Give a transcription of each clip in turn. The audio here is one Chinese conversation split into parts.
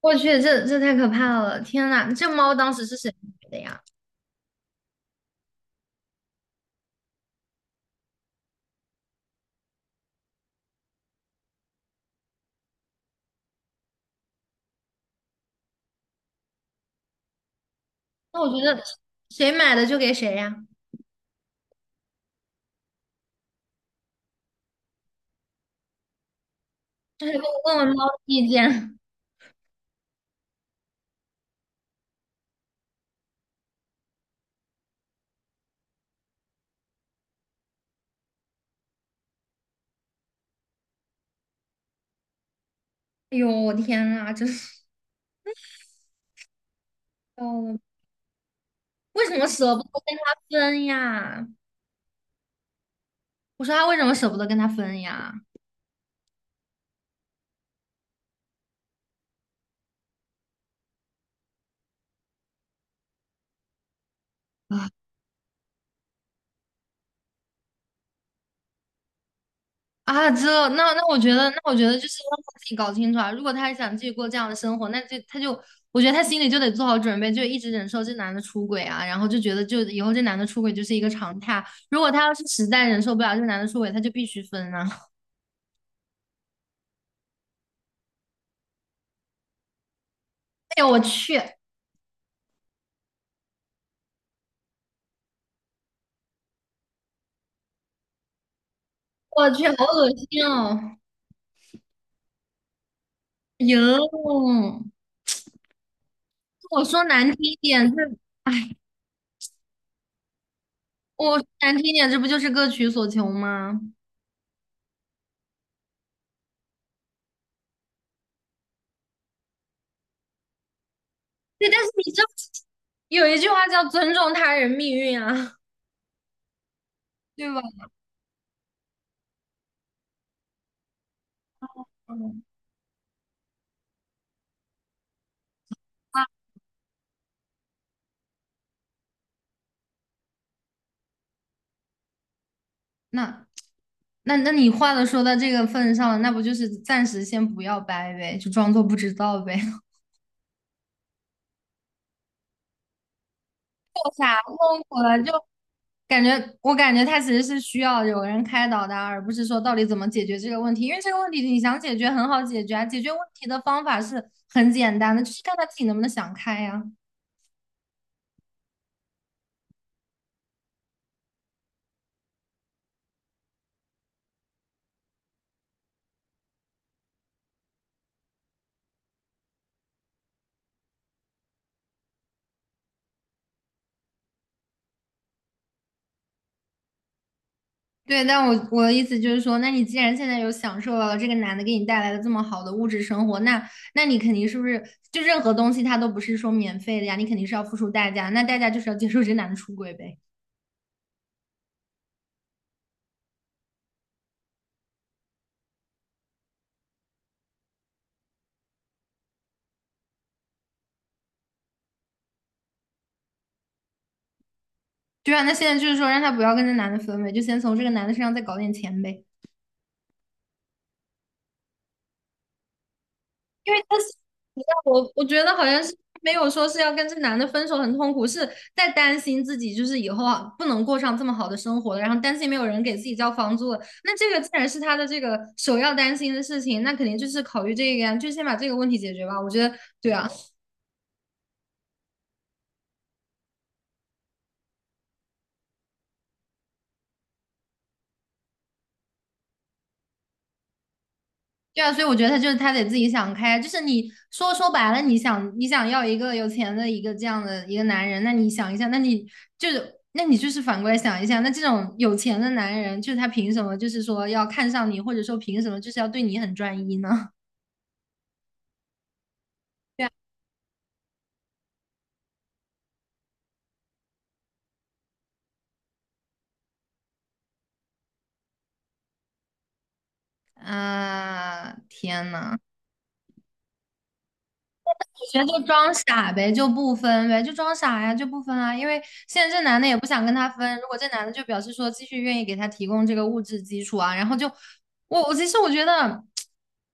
我去，这太可怕了！天呐，这猫当时是谁买的呀？那我觉得谁买的就给谁呀，就是跟我问问猫的意见。哎呦，我天呐，真是哦，为什么舍不得跟他分呀？我说他为什么舍不得跟他分呀？啊，这那我觉得，那我觉得就是让他自己搞清楚啊。如果他还想继续过这样的生活，那就他就，我觉得他心里就得做好准备，就一直忍受这男的出轨啊，然后就觉得就以后这男的出轨就是一个常态。如果他要是实在忍受不了这男的出轨，他就必须分啊。哎呦，我去好恶心哦！哟，我说难听一点，这，哎，我说难听一点，这不就是各取所求吗？对，但是你知道有一句话叫尊重他人命运啊，对吧？嗯，那那你话都说到这个份上了，那不就是暂时先不要掰呗，就装作不知道呗。做啥痛苦了就感觉，我感觉他其实是需要有人开导的啊，而不是说到底怎么解决这个问题，因为这个问题你想解决很好解决啊，解决问题的方法是很简单的，就是看他自己能不能想开呀、对，但我的意思就是说，那你既然现在有享受到了这个男的给你带来的这么好的物质生活，那那你肯定是不是就任何东西它都不是说免费的呀？你肯定是要付出代价，那代价就是要接受这男的出轨呗。对啊，那现在就是说让他不要跟这男的分呗，就先从这个男的身上再搞点钱呗。因为他是，你知道我觉得好像是没有说是要跟这男的分手很痛苦，是在担心自己就是以后啊不能过上这么好的生活了，然后担心没有人给自己交房租了。那这个既然是他的这个首要担心的事情，那肯定就是考虑这个呀，就先把这个问题解决吧。我觉得对啊。对啊，所以我觉得他就是他得自己想开啊，就是你说说白了，你想你想要一个有钱的一个这样的一个男人，那你想一下，那你就是那你就是反过来想一下，那这种有钱的男人，就是他凭什么就是说要看上你，或者说凭什么就是要对你很专一呢？对啊，啊，天呐！觉得就装傻呗，就不分呗，就装傻呀，就不分啊。因为现在这男的也不想跟他分，如果这男的就表示说继续愿意给他提供这个物质基础啊，然后就我其实我觉得，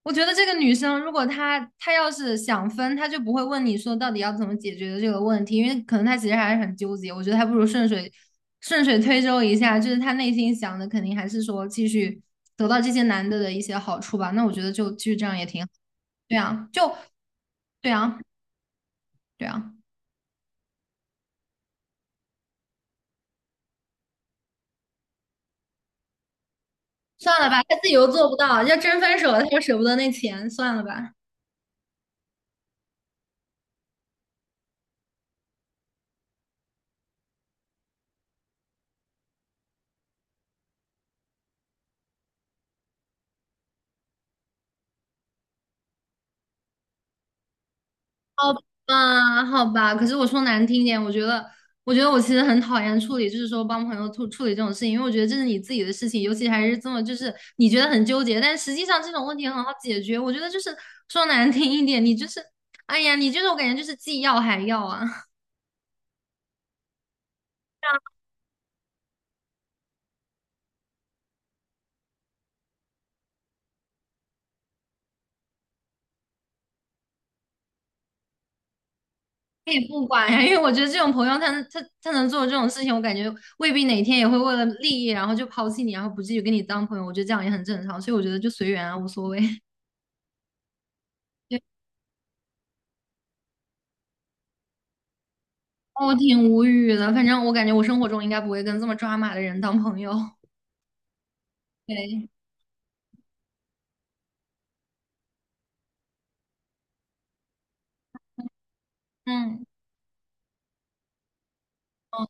我觉得这个女生如果她要是想分，她就不会问你说到底要怎么解决的这个问题，因为可能她其实还是很纠结。我觉得还不如顺水推舟一下，就是她内心想的肯定还是说继续得到这些男的的一些好处吧。那我觉得就继续这样也挺好。对啊，就对啊。对啊，算了吧，他自己又做不到，要真分手了，他又舍不得那钱，算了吧。好吧，好吧。可是我说难听一点，我觉得，我觉得我其实很讨厌处理，就是说帮朋友处理这种事情，因为我觉得这是你自己的事情，尤其还是这么就是你觉得很纠结，但实际上这种问题很好解决。我觉得就是说难听一点，你就是，哎呀，你就是我感觉就是既要还要啊。他也不管呀，因为我觉得这种朋友他能，他能做这种事情，我感觉未必哪天也会为了利益，然后就抛弃你，然后不继续跟你当朋友。我觉得这样也很正常，所以我觉得就随缘啊，无所谓。对，我挺无语的，反正我感觉我生活中应该不会跟这么抓马的人当朋友。对，嗯，嗯，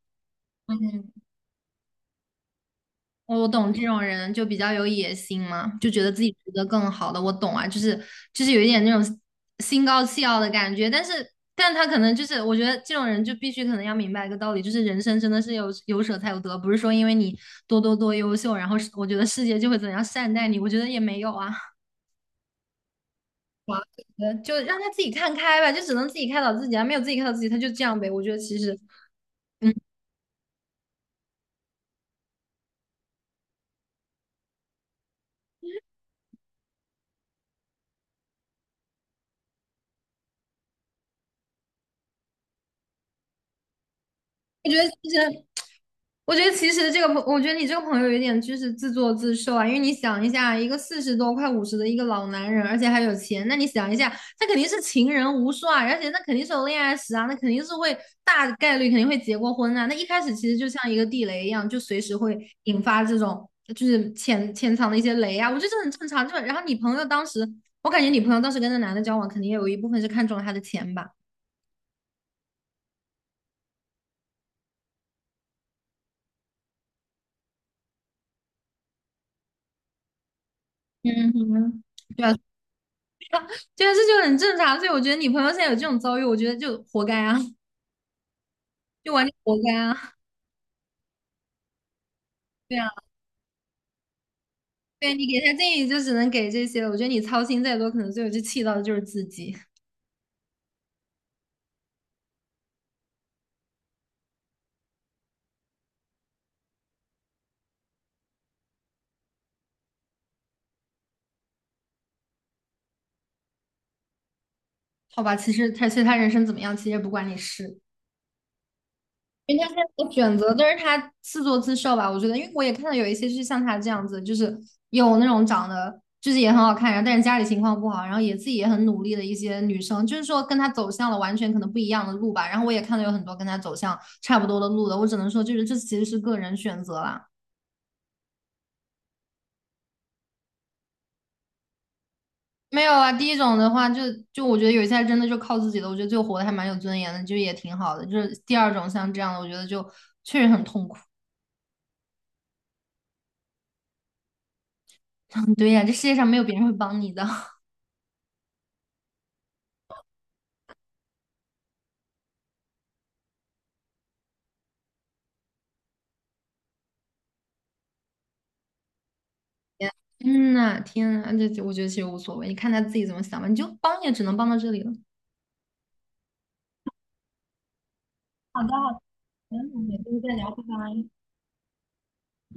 嗯，我懂这种人就比较有野心嘛，就觉得自己值得更好的。我懂啊，就是就是有一点那种心高气傲的感觉，但是但他可能就是我觉得这种人就必须可能要明白一个道理，就是人生真的是有舍才有得，不是说因为你多优秀，然后是我觉得世界就会怎样善待你，我觉得也没有啊。哇，就让他自己看开吧，就只能自己开导自己啊，没有自己开导自己，他就这样呗。我觉得其实，我觉得其实。我觉得其实这个朋，我觉得你这个朋友有点就是自作自受啊，因为你想一下，一个四十多快五十的一个老男人，而且还有钱，那你想一下，他肯定是情人无数啊，而且那肯定是有恋爱史啊，那肯定是会大概率肯定会结过婚啊，那一开始其实就像一个地雷一样，就随时会引发这种就是潜藏的一些雷啊，我觉得这很正常。就然后你朋友当时，我感觉你朋友当时跟那男的交往，肯定也有一部分是看中了他的钱吧。嗯哼。对啊，对啊，这就很正常。所以我觉得你朋友现在有这种遭遇，我觉得就活该啊，就完全活该啊。对啊，对你给他建议就只能给这些了。我觉得你操心再多，可能最后就气到的就是自己，好吧？其实他其实他人生怎么样，其实也不关你事。因为他现在的选择都是他自作自受吧，我觉得，因为我也看到有一些就是像他这样子，就是有那种长得就是也很好看，然后但是家里情况不好，然后也自己也很努力的一些女生，就是说跟他走向了完全可能不一样的路吧。然后我也看到有很多跟他走向差不多的路的，我只能说就是这其实是个人选择啦。没有啊，第一种的话就就我觉得有一些真的就靠自己的，我觉得就活得还蛮有尊严的，就也挺好的。就是第二种像这样的，我觉得就确实很痛苦。对呀，这世界上没有别人会帮你的。天，天呐，天呐，这这我觉得其实无所谓，你看他自己怎么想吧，你就帮也只能帮到这里了。好的，没问题，们是天再聊